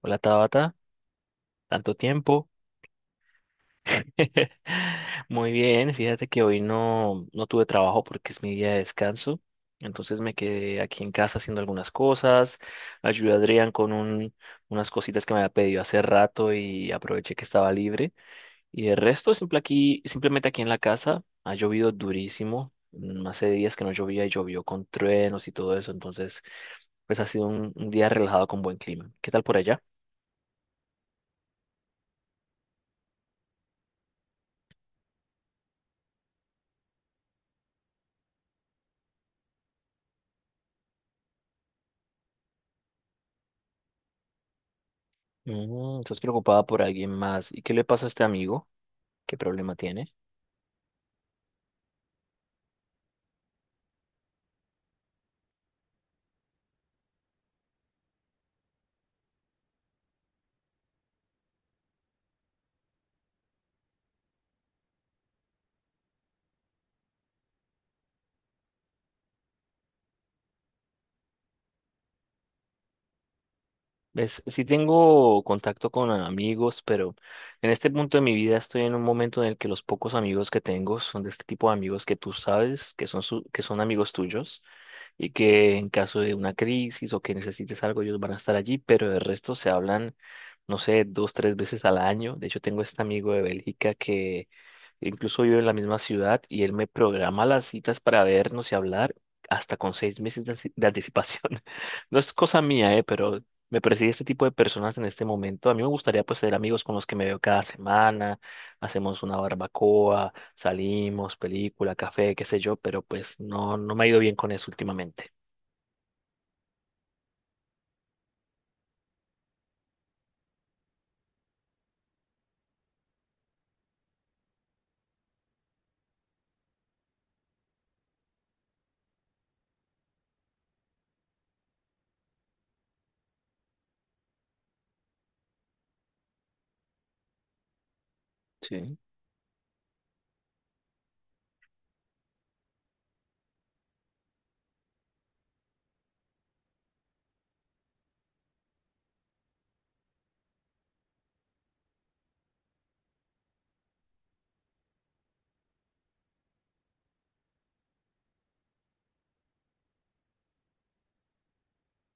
Hola Tabata, tanto tiempo. Muy bien, fíjate que hoy no tuve trabajo porque es mi día de descanso, entonces me quedé aquí en casa haciendo algunas cosas, ayudé a Adrián con unas cositas que me había pedido hace rato y aproveché que estaba libre. Y de resto, simplemente aquí en la casa, ha llovido durísimo, hace días que no llovía y llovió con truenos y todo eso, entonces pues ha sido un día relajado con buen clima. ¿Qué tal por allá? Mm, estás preocupada por alguien más. ¿Y qué le pasa a este amigo? ¿Qué problema tiene? ¿Ves? Sí tengo contacto con amigos, pero en este punto de mi vida estoy en un momento en el que los pocos amigos que tengo son de este tipo de amigos que tú sabes que son, que son amigos tuyos y que en caso de una crisis o que necesites algo ellos van a estar allí, pero el resto se hablan, no sé, dos, tres veces al año. De hecho, tengo este amigo de Bélgica que incluso vive en la misma ciudad y él me programa las citas para vernos y hablar hasta con seis meses de anticipación. No es cosa mía, pero me persigue este tipo de personas en este momento. A mí me gustaría pues ser amigos con los que me veo cada semana, hacemos una barbacoa, salimos, película, café, qué sé yo, pero pues no me ha ido bien con eso últimamente. Sí.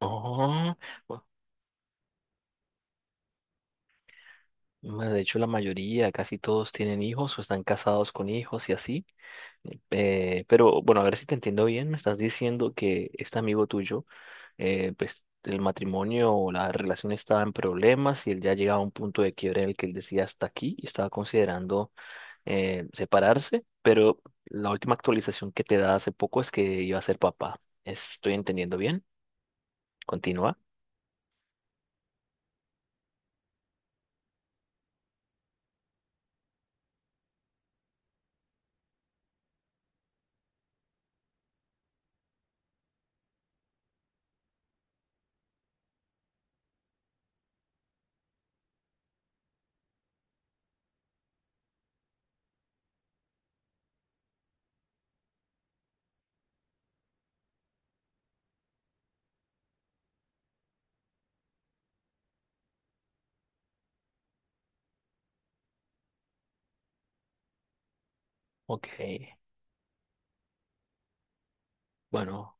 Oh, bu- bueno, de hecho la mayoría, casi todos tienen hijos o están casados con hijos y así. Pero bueno, a ver si te entiendo bien, me estás diciendo que este amigo tuyo, pues el matrimonio o la relación estaba en problemas y él ya llegaba a un punto de quiebre en el que él decía hasta aquí y estaba considerando separarse, pero la última actualización que te da hace poco es que iba a ser papá. ¿Estoy entendiendo bien? Continúa. Ok, bueno.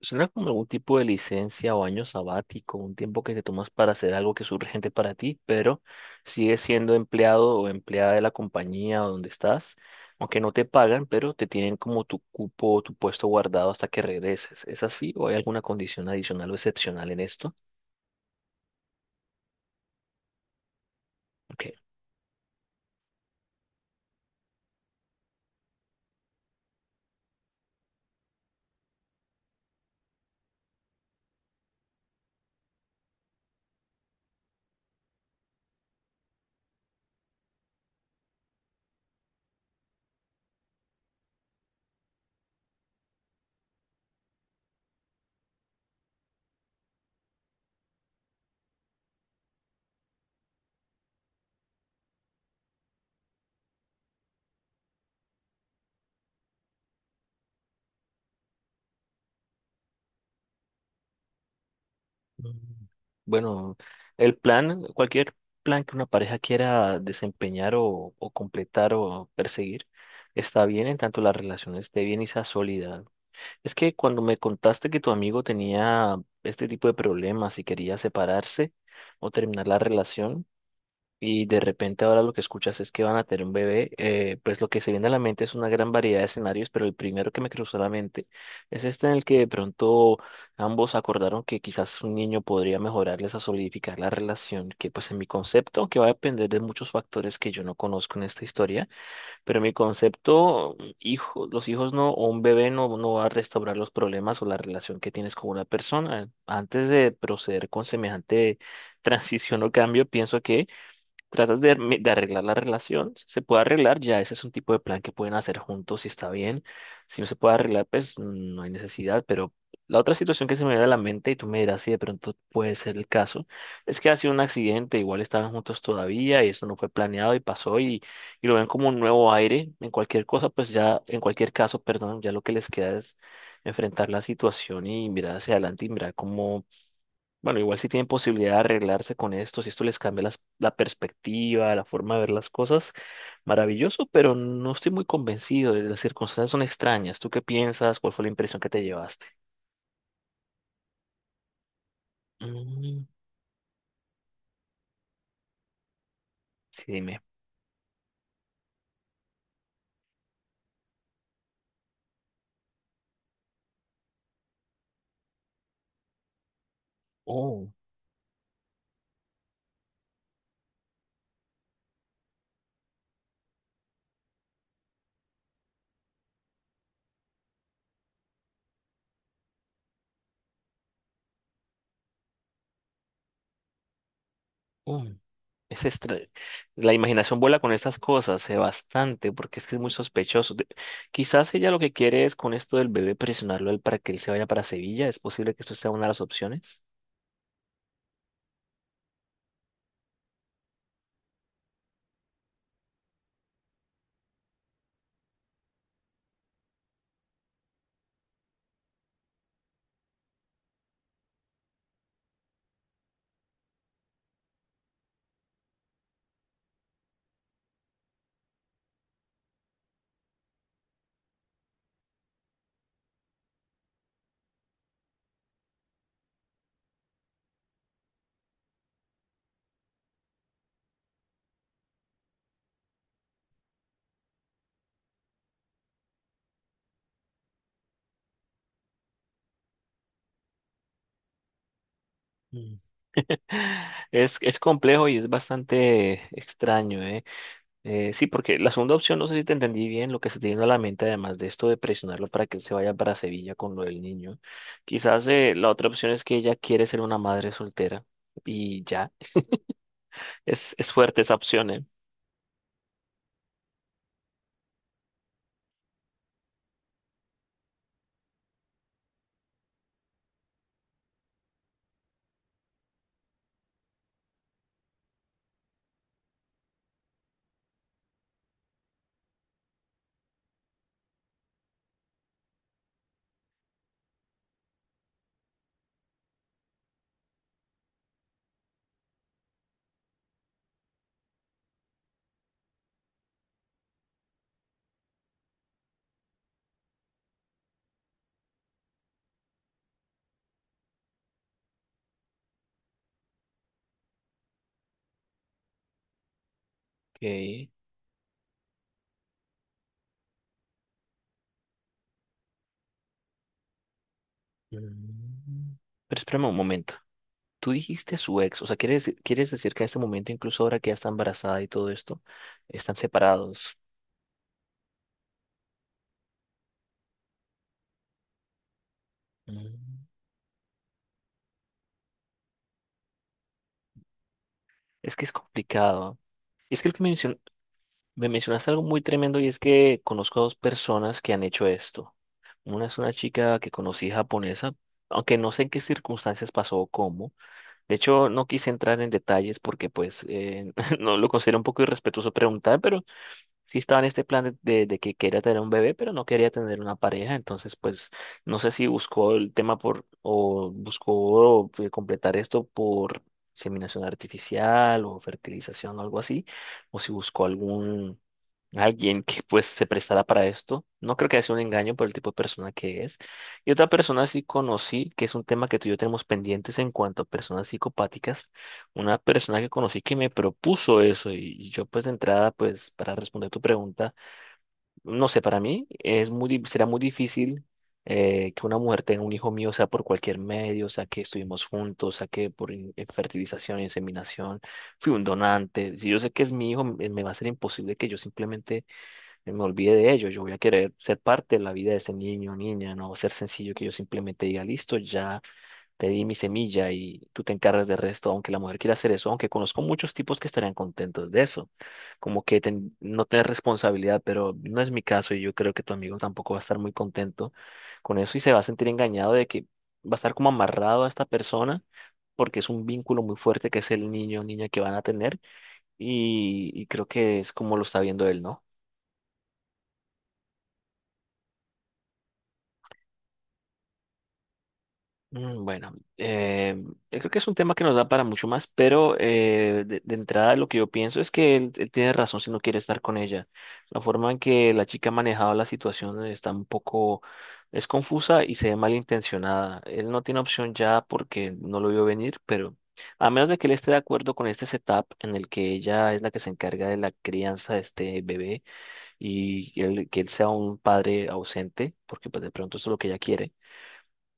Suena como algún tipo de licencia o año sabático, un tiempo que te tomas para hacer algo que es urgente para ti, pero sigues siendo empleado o empleada de la compañía o donde estás, aunque no te pagan, pero te tienen como tu cupo o tu puesto guardado hasta que regreses. ¿Es así o hay alguna condición adicional o excepcional en esto? Ok. Mm. Bueno, el plan, cualquier plan que una pareja quiera desempeñar o completar o perseguir, está bien en tanto la relación esté bien y sea sólida. Es que cuando me contaste que tu amigo tenía este tipo de problemas y quería separarse o terminar la relación y de repente ahora lo que escuchas es que van a tener un bebé, pues lo que se viene a la mente es una gran variedad de escenarios, pero el primero que me cruzó la mente es este en el que de pronto ambos acordaron que quizás un niño podría mejorarles a solidificar la relación, que pues en mi concepto, que va a depender de muchos factores que yo no conozco en esta historia, pero en mi concepto, hijo, los hijos no, o un bebé no, no va a restaurar los problemas o la relación que tienes con una persona. Antes de proceder con semejante transición o cambio, pienso que tratas de arreglar la relación, si se puede arreglar, ya ese es un tipo de plan que pueden hacer juntos si está bien, si no se puede arreglar, pues no hay necesidad, pero la otra situación que se me viene a la mente, y tú me dirás si de pronto puede ser el caso, es que ha sido un accidente, igual estaban juntos todavía y eso no fue planeado y pasó y lo ven como un nuevo aire, en cualquier cosa, pues ya, en cualquier caso, perdón, ya lo que les queda es enfrentar la situación y mirar hacia adelante y mirar cómo bueno, igual si tienen posibilidad de arreglarse con esto, si esto les cambia la perspectiva, la forma de ver las cosas, maravilloso, pero no estoy muy convencido. Las circunstancias son extrañas. ¿Tú qué piensas? ¿Cuál fue la impresión que te llevaste? Mm, sí, dime. Oh, oh. Es extra- La imaginación vuela con estas cosas, bastante, porque es que es muy sospechoso. Quizás ella lo que quiere es con esto del bebé presionarlo a él para que él se vaya para Sevilla. ¿Es posible que esto sea una de las opciones? Es complejo y es bastante extraño, ¿eh? Sí, porque la segunda opción, no sé si te entendí bien, lo que se te vino a la mente, además de esto de presionarlo para que él se vaya para Sevilla con lo del niño. Quizás la otra opción es que ella quiere ser una madre soltera y ya. Es fuerte esa opción, ¿eh? Ok. Mm. Pero espérame un momento. Tú dijiste su ex, o sea, ¿quieres, quieres decir que a este momento, incluso ahora que ya está embarazada y todo esto, están separados? Mm. Es que es complicado. Es que lo que Me mencionaste algo muy tremendo y es que conozco a dos personas que han hecho esto. Una es una chica que conocí japonesa, aunque no sé en qué circunstancias pasó o cómo. De hecho, no quise entrar en detalles porque pues no lo considero un poco irrespetuoso preguntar, pero sí estaba en este plan de que quería tener un bebé, pero no quería tener una pareja, entonces pues no sé si buscó el tema por, o buscó completar esto por inseminación artificial o fertilización o algo así, o si buscó algún, alguien que pues se prestara para esto. No creo que sea un engaño por el tipo de persona que es. Y otra persona sí conocí, que es un tema que tú y yo tenemos pendientes en cuanto a personas psicopáticas, una persona que conocí que me propuso eso y yo pues de entrada pues para responder tu pregunta, no sé, para mí es será muy difícil que una mujer tenga un hijo mío, o sea por cualquier medio, o sea que estuvimos juntos, o sea que por fertilización, inseminación, fui un donante, si yo sé que es mi hijo, me va a ser imposible que yo simplemente me olvide de ello, yo voy a querer ser parte de la vida de ese niño o niña, no va a ser sencillo que yo simplemente diga, listo, ya te di mi semilla y tú te encargas del resto, aunque la mujer quiera hacer eso, aunque conozco muchos tipos que estarían contentos de eso, como que no tener responsabilidad, pero no es mi caso y yo creo que tu amigo tampoco va a estar muy contento con eso y se va a sentir engañado de que va a estar como amarrado a esta persona porque es un vínculo muy fuerte que es el niño o niña que van a tener y creo que es como lo está viendo él, ¿no? Mm, bueno, yo creo que es un tema que nos da para mucho más, pero de entrada lo que yo pienso es que él tiene razón si no quiere estar con ella. La forma en que la chica ha manejado la situación está un poco, es confusa y se ve malintencionada. Él no tiene opción ya porque no lo vio venir, pero a menos de que él esté de acuerdo con este setup en el que ella es la que se encarga de la crianza de este bebé y que él sea un padre ausente, porque pues de pronto eso es lo que ella quiere.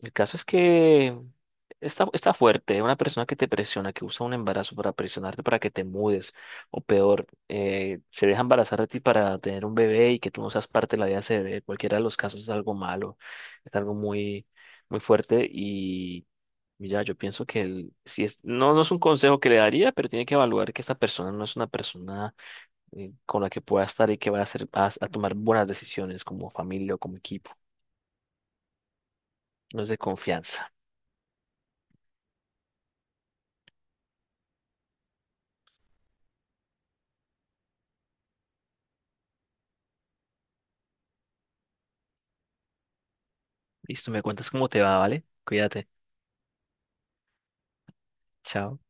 El caso es que está, está fuerte. Una persona que te presiona, que usa un embarazo para presionarte para que te mudes, o peor, se deja embarazar de ti para tener un bebé y que tú no seas parte de la vida de ese bebé. Cualquiera de los casos es algo malo, es algo muy, muy fuerte y ya yo pienso que no, no es un consejo que le daría, pero tiene que evaluar que esta persona no es una persona con la que pueda estar y que vaya a, hacer, a tomar buenas decisiones como familia o como equipo. No es de confianza. Listo, me cuentas cómo te va, ¿vale? Cuídate. Chao.